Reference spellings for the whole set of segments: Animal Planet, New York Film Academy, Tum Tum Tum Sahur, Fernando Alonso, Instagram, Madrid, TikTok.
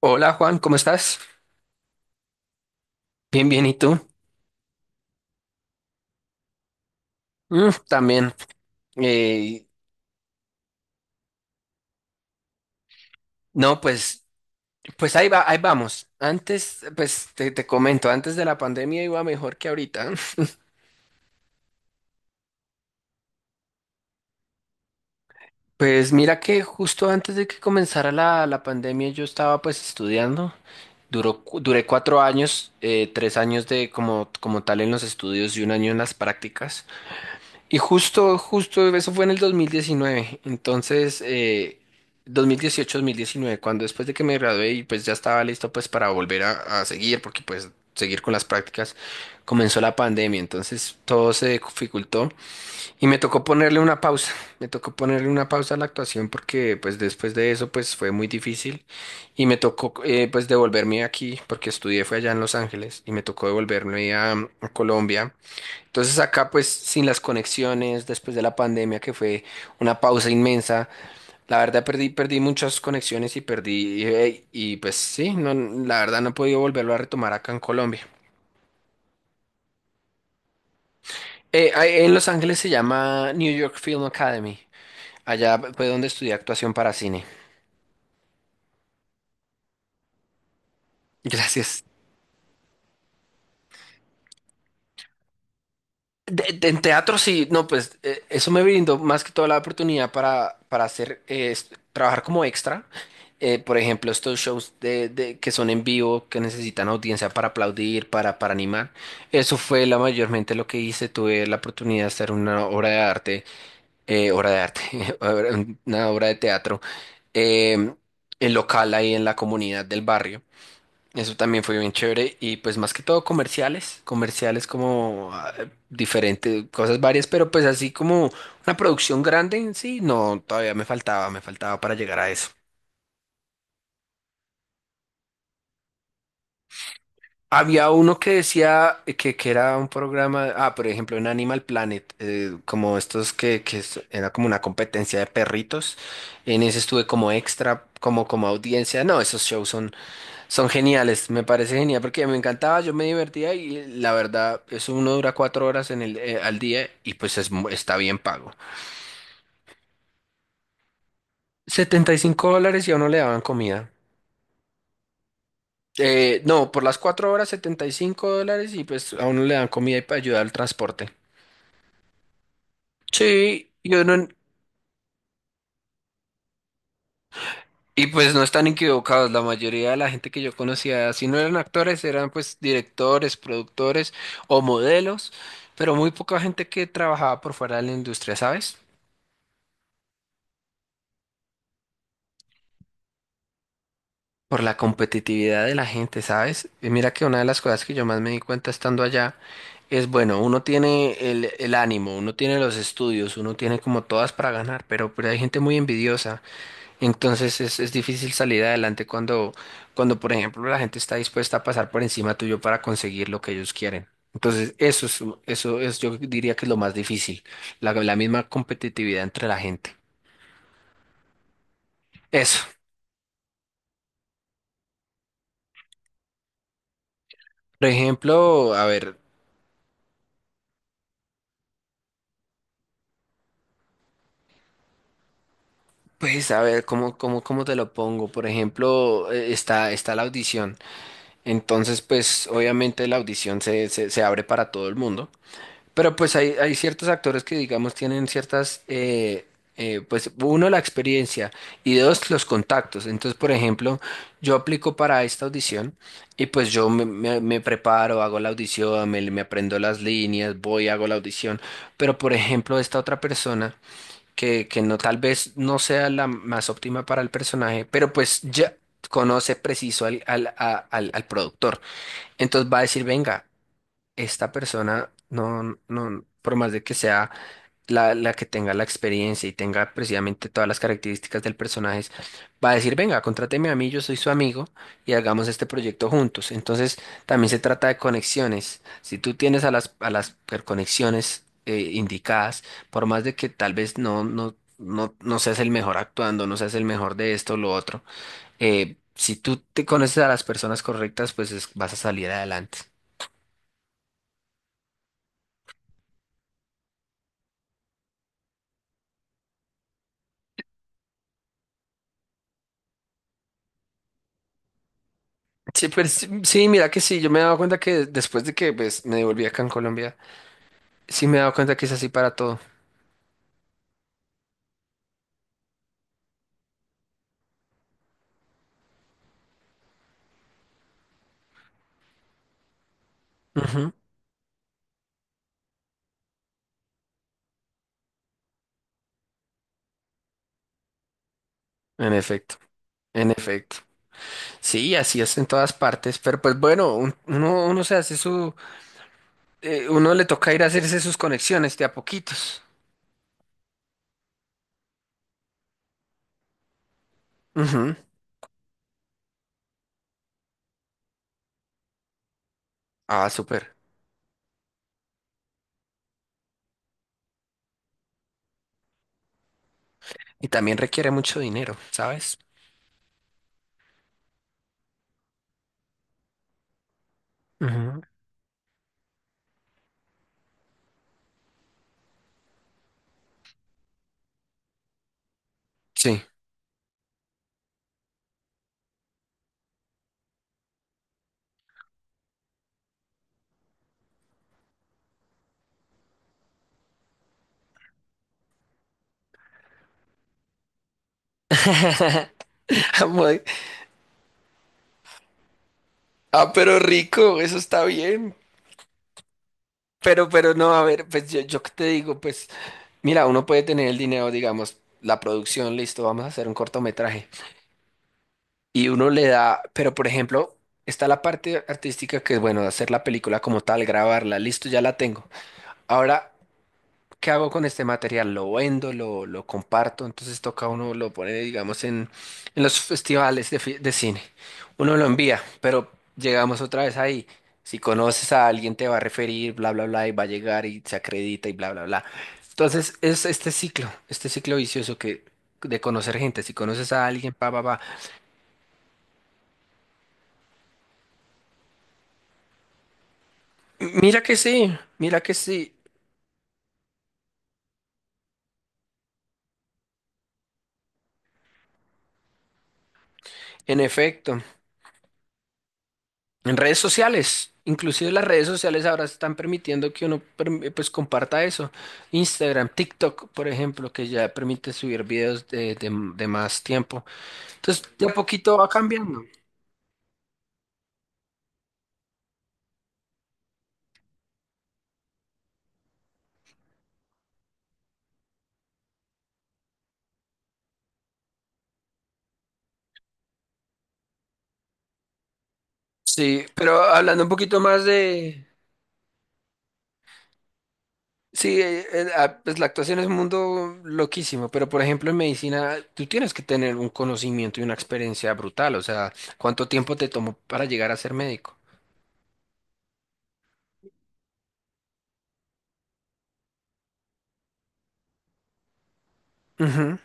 Hola Juan, ¿cómo estás? Bien, bien, ¿y tú? Mm, también. Eh, no, pues, pues ahí va, ahí vamos. Antes, pues te comento, antes de la pandemia iba mejor que ahorita. Pues mira que justo antes de que comenzara la pandemia yo estaba pues estudiando. Duré 4 años, 3 años de como tal en los estudios y un año en las prácticas. Y justo, justo, eso fue en el 2019. Entonces, 2018-2019, cuando después de que me gradué y pues ya estaba listo pues para volver a seguir, porque pues seguir con las prácticas, comenzó la pandemia. Entonces todo se dificultó y me tocó ponerle una pausa. Me tocó ponerle una pausa a la actuación porque pues después de eso pues fue muy difícil y me tocó pues devolverme aquí porque estudié fue allá en Los Ángeles y me tocó devolverme a Colombia, entonces acá pues sin las conexiones. Después de la pandemia, que fue una pausa inmensa, la verdad perdí muchas conexiones y y, pues sí, no, la verdad no he podido volverlo a retomar acá en Colombia. Ahí en Los Ángeles se llama New York Film Academy, allá fue donde estudié actuación para cine. Gracias. En teatro sí, no, pues eso me brindó más que toda la oportunidad para hacer, trabajar como extra. Por ejemplo, estos shows que son en vivo, que necesitan audiencia para aplaudir, para animar. Eso fue la mayormente lo que hice. Tuve la oportunidad de hacer una obra de arte, una obra de teatro, eh, en local ahí en la comunidad del barrio. Eso también fue bien chévere y pues más que todo comerciales, comerciales como diferentes, cosas varias, pero pues así como una producción grande en sí, no, todavía me faltaba para llegar a eso. Había uno que decía que era un programa, por ejemplo, en Animal Planet, como estos que, era como una competencia de perritos. En ese estuve como extra, como audiencia. No, esos shows son... Son geniales. Me parece genial porque me encantaba, yo me divertía, y la verdad, eso uno dura 4 horas en al día y pues es está bien pago. 75 dólares y a uno le daban comida. No, por las 4 horas 75 dólares y pues a uno le dan comida y para ayudar al transporte. Sí, yo no, y pues no están equivocados. La mayoría de la gente que yo conocía, si no eran actores, eran pues directores, productores o modelos, pero muy poca gente que trabajaba por fuera de la industria, ¿sabes? Por la competitividad de la gente, ¿sabes? Y mira que una de las cosas que yo más me di cuenta estando allá es, bueno, uno tiene el ánimo, uno tiene los estudios, uno tiene como todas para ganar, pero hay gente muy envidiosa. Entonces es difícil salir adelante cuando, por ejemplo, la gente está dispuesta a pasar por encima tuyo para conseguir lo que ellos quieren. Entonces, eso es, yo diría que es lo más difícil, la misma competitividad entre la gente. Eso. Por ejemplo, a ver. Pues a ver, ¿cómo te lo pongo? Por ejemplo, está la audición. Entonces, pues obviamente la audición se abre para todo el mundo. Pero pues hay ciertos actores que, digamos, tienen ciertas, pues uno, la experiencia, y dos, los contactos. Entonces, por ejemplo, yo aplico para esta audición y pues yo me preparo, hago la audición, me aprendo las líneas, voy, hago la audición. Pero, por ejemplo, esta otra persona que no, tal vez no sea la más óptima para el personaje, pero pues ya conoce preciso al productor. Entonces va a decir, venga, esta persona no, no, por más de que sea la que tenga la experiencia y tenga precisamente todas las características del personaje, va a decir, venga, contráteme a mí, yo soy su amigo y hagamos este proyecto juntos. Entonces, también se trata de conexiones. Si tú tienes conexiones indicadas, por más de que tal vez no seas el mejor actuando, no seas el mejor de esto o lo otro, si tú te conoces a las personas correctas, pues vas a salir adelante. Sí, pero sí, sí, mira que sí, yo me he dado cuenta que después de que pues, me devolví acá en Colombia. Sí, me he dado cuenta que es así para todo. Ujú. En efecto, en efecto. Sí, así es en todas partes, pero pues bueno, uno se hace su, uno le toca ir a hacerse sus conexiones de a poquitos. Ujú. Ah, súper. Y también requiere mucho dinero, ¿sabes? Ujú. Sí. Muy- Ah, pero rico, eso está bien. Pero no, a ver, pues yo qué te digo, pues mira, uno puede tener el dinero, digamos, la producción, listo, vamos a hacer un cortometraje. Y uno le da, pero por ejemplo, está la parte artística que es, bueno, hacer la película como tal, grabarla, listo, ya la tengo. Ahora, ¿qué hago con este material? Lo vendo, lo comparto, entonces toca uno, lo pone, digamos, en los festivales de cine. Uno lo envía, pero llegamos otra vez ahí. Si conoces a alguien te va a referir, bla, bla, bla, y va a llegar y se acredita y bla, bla, bla. Entonces, es este ciclo vicioso, que de conocer gente. Si conoces a alguien, pa, pa, pa. Mira que sí, en efecto, en redes sociales, inclusive las redes sociales ahora están permitiendo que uno pues comparta eso. Instagram, TikTok, por ejemplo, que ya permite subir videos de más tiempo. Entonces de a poquito va cambiando. Sí, pero hablando un poquito más de... Sí, pues la actuación es un mundo loquísimo, pero por ejemplo en medicina tú tienes que tener un conocimiento y una experiencia brutal, o sea, ¿cuánto tiempo te tomó para llegar a ser médico? Ujú.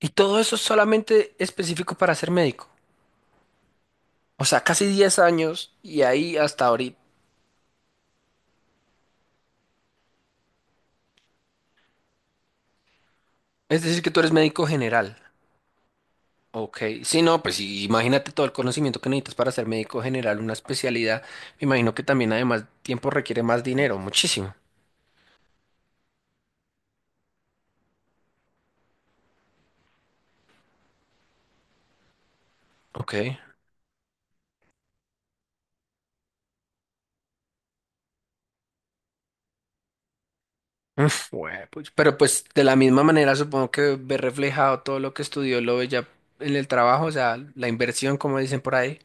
Y todo eso es solamente específico para ser médico. O sea, casi 10 años y ahí hasta ahorita. Es decir, que tú eres médico general. Ok. Sí, no, pues sí, imagínate todo el conocimiento que necesitas para ser médico general, una especialidad. Me imagino que también además tiempo requiere más dinero, muchísimo. Ok. Uf, güey, pues, pero pues de la misma manera supongo que ve reflejado todo lo que estudió, lo ve ya en el trabajo, o sea, la inversión, como dicen por ahí.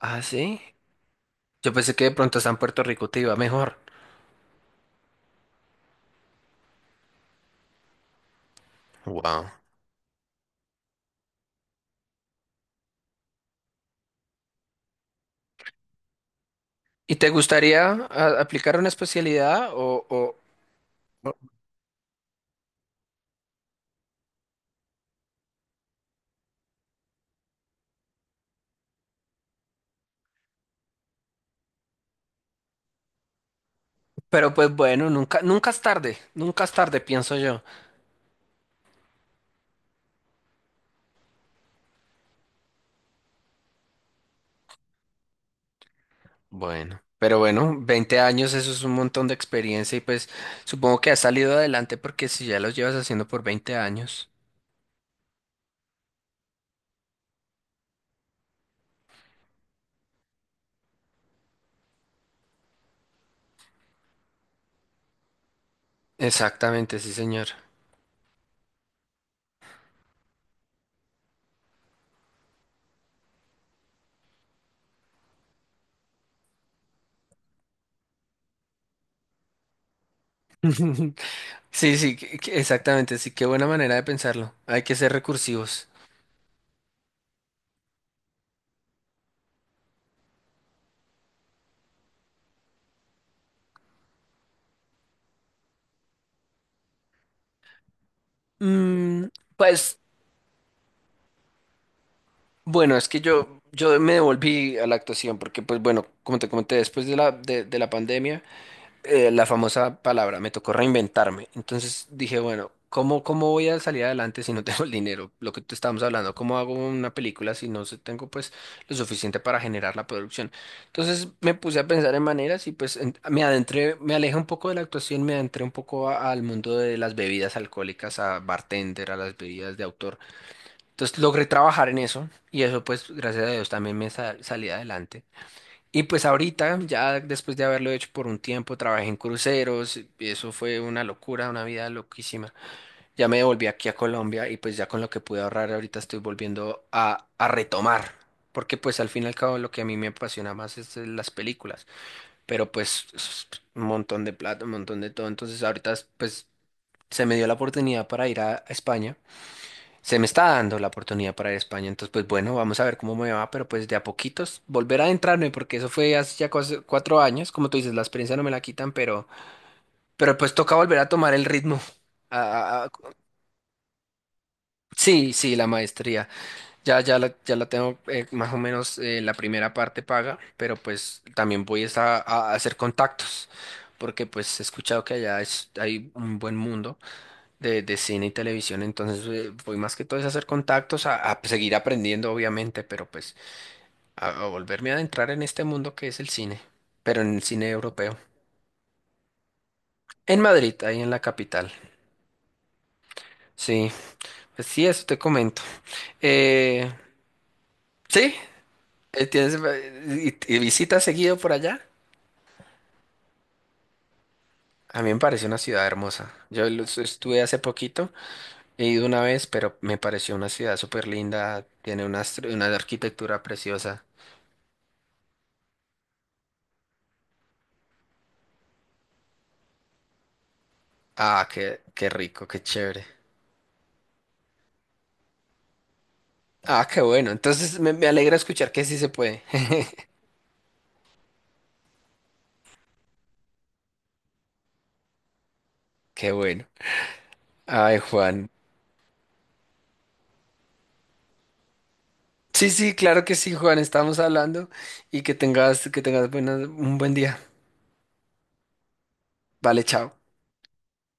Ah, sí. Yo pensé que de pronto hasta en Puerto Rico te iba mejor. Wow. ¿Y te gustaría aplicar una especialidad o, pero pues bueno, nunca es tarde, nunca es tarde, pienso yo? Bueno, pero bueno, 20 años, eso es un montón de experiencia y pues supongo que has salido adelante porque si ya los llevas haciendo por 20 años. Exactamente, sí, señor. Sí, sí, exactamente, sí, qué buena manera de pensarlo. Hay que ser recursivos. Mm, pues bueno, es que yo me devolví a la actuación porque pues bueno, como te comenté, después de la, de la pandemia. La famosa palabra, me tocó reinventarme. Entonces dije, bueno, ¿cómo voy a salir adelante si no tengo el dinero? Lo que te estábamos hablando, ¿cómo hago una película si no tengo pues lo suficiente para generar la producción? Entonces me puse a pensar en maneras y pues me adentré, me alejé un poco de la actuación, me adentré un poco al mundo de las bebidas alcohólicas, a bartender, a las bebidas de autor. Entonces logré trabajar en eso y eso pues gracias a Dios también me salí adelante. Y pues ahorita, ya después de haberlo hecho por un tiempo, trabajé en cruceros, y eso fue una locura, una vida loquísima. Ya me devolví aquí a Colombia y pues ya con lo que pude ahorrar ahorita estoy volviendo a retomar, porque pues al fin y al cabo lo que a mí me apasiona más es las películas, pero pues es un montón de plata, un montón de todo. Entonces ahorita pues se me dio la oportunidad para ir a España. Se me está dando la oportunidad para ir a España, entonces pues bueno, vamos a ver cómo me va, pero pues de a poquitos volver a adentrarme, porque eso fue hace ya 4 años. Como tú dices, la experiencia no me la quitan, pero pues toca volver a tomar el ritmo. a- a- a- sí, sí, la maestría, ya la tengo, más o menos, la primera parte paga, pero pues también voy es a hacer contactos, porque pues he escuchado que allá hay un buen mundo de cine y televisión. Entonces voy más que todo es a hacer contactos, a seguir aprendiendo obviamente, pero pues a volverme a adentrar en este mundo que es el cine, pero en el cine europeo. En Madrid, ahí en la capital. Sí, pues sí, eso te comento. Eh, sí, tienes, y visitas seguido por allá. A mí me parece una ciudad hermosa. Yo lo estuve hace poquito, he ido una vez, pero me pareció una ciudad súper linda, tiene una arquitectura preciosa. Ah, qué rico, qué chévere. Ah, qué bueno. Entonces me alegra escuchar que sí se puede. Qué bueno. Ay, Juan. Sí, sí, claro que sí, Juan. Estamos hablando y que tengas un buen día. Vale, chao.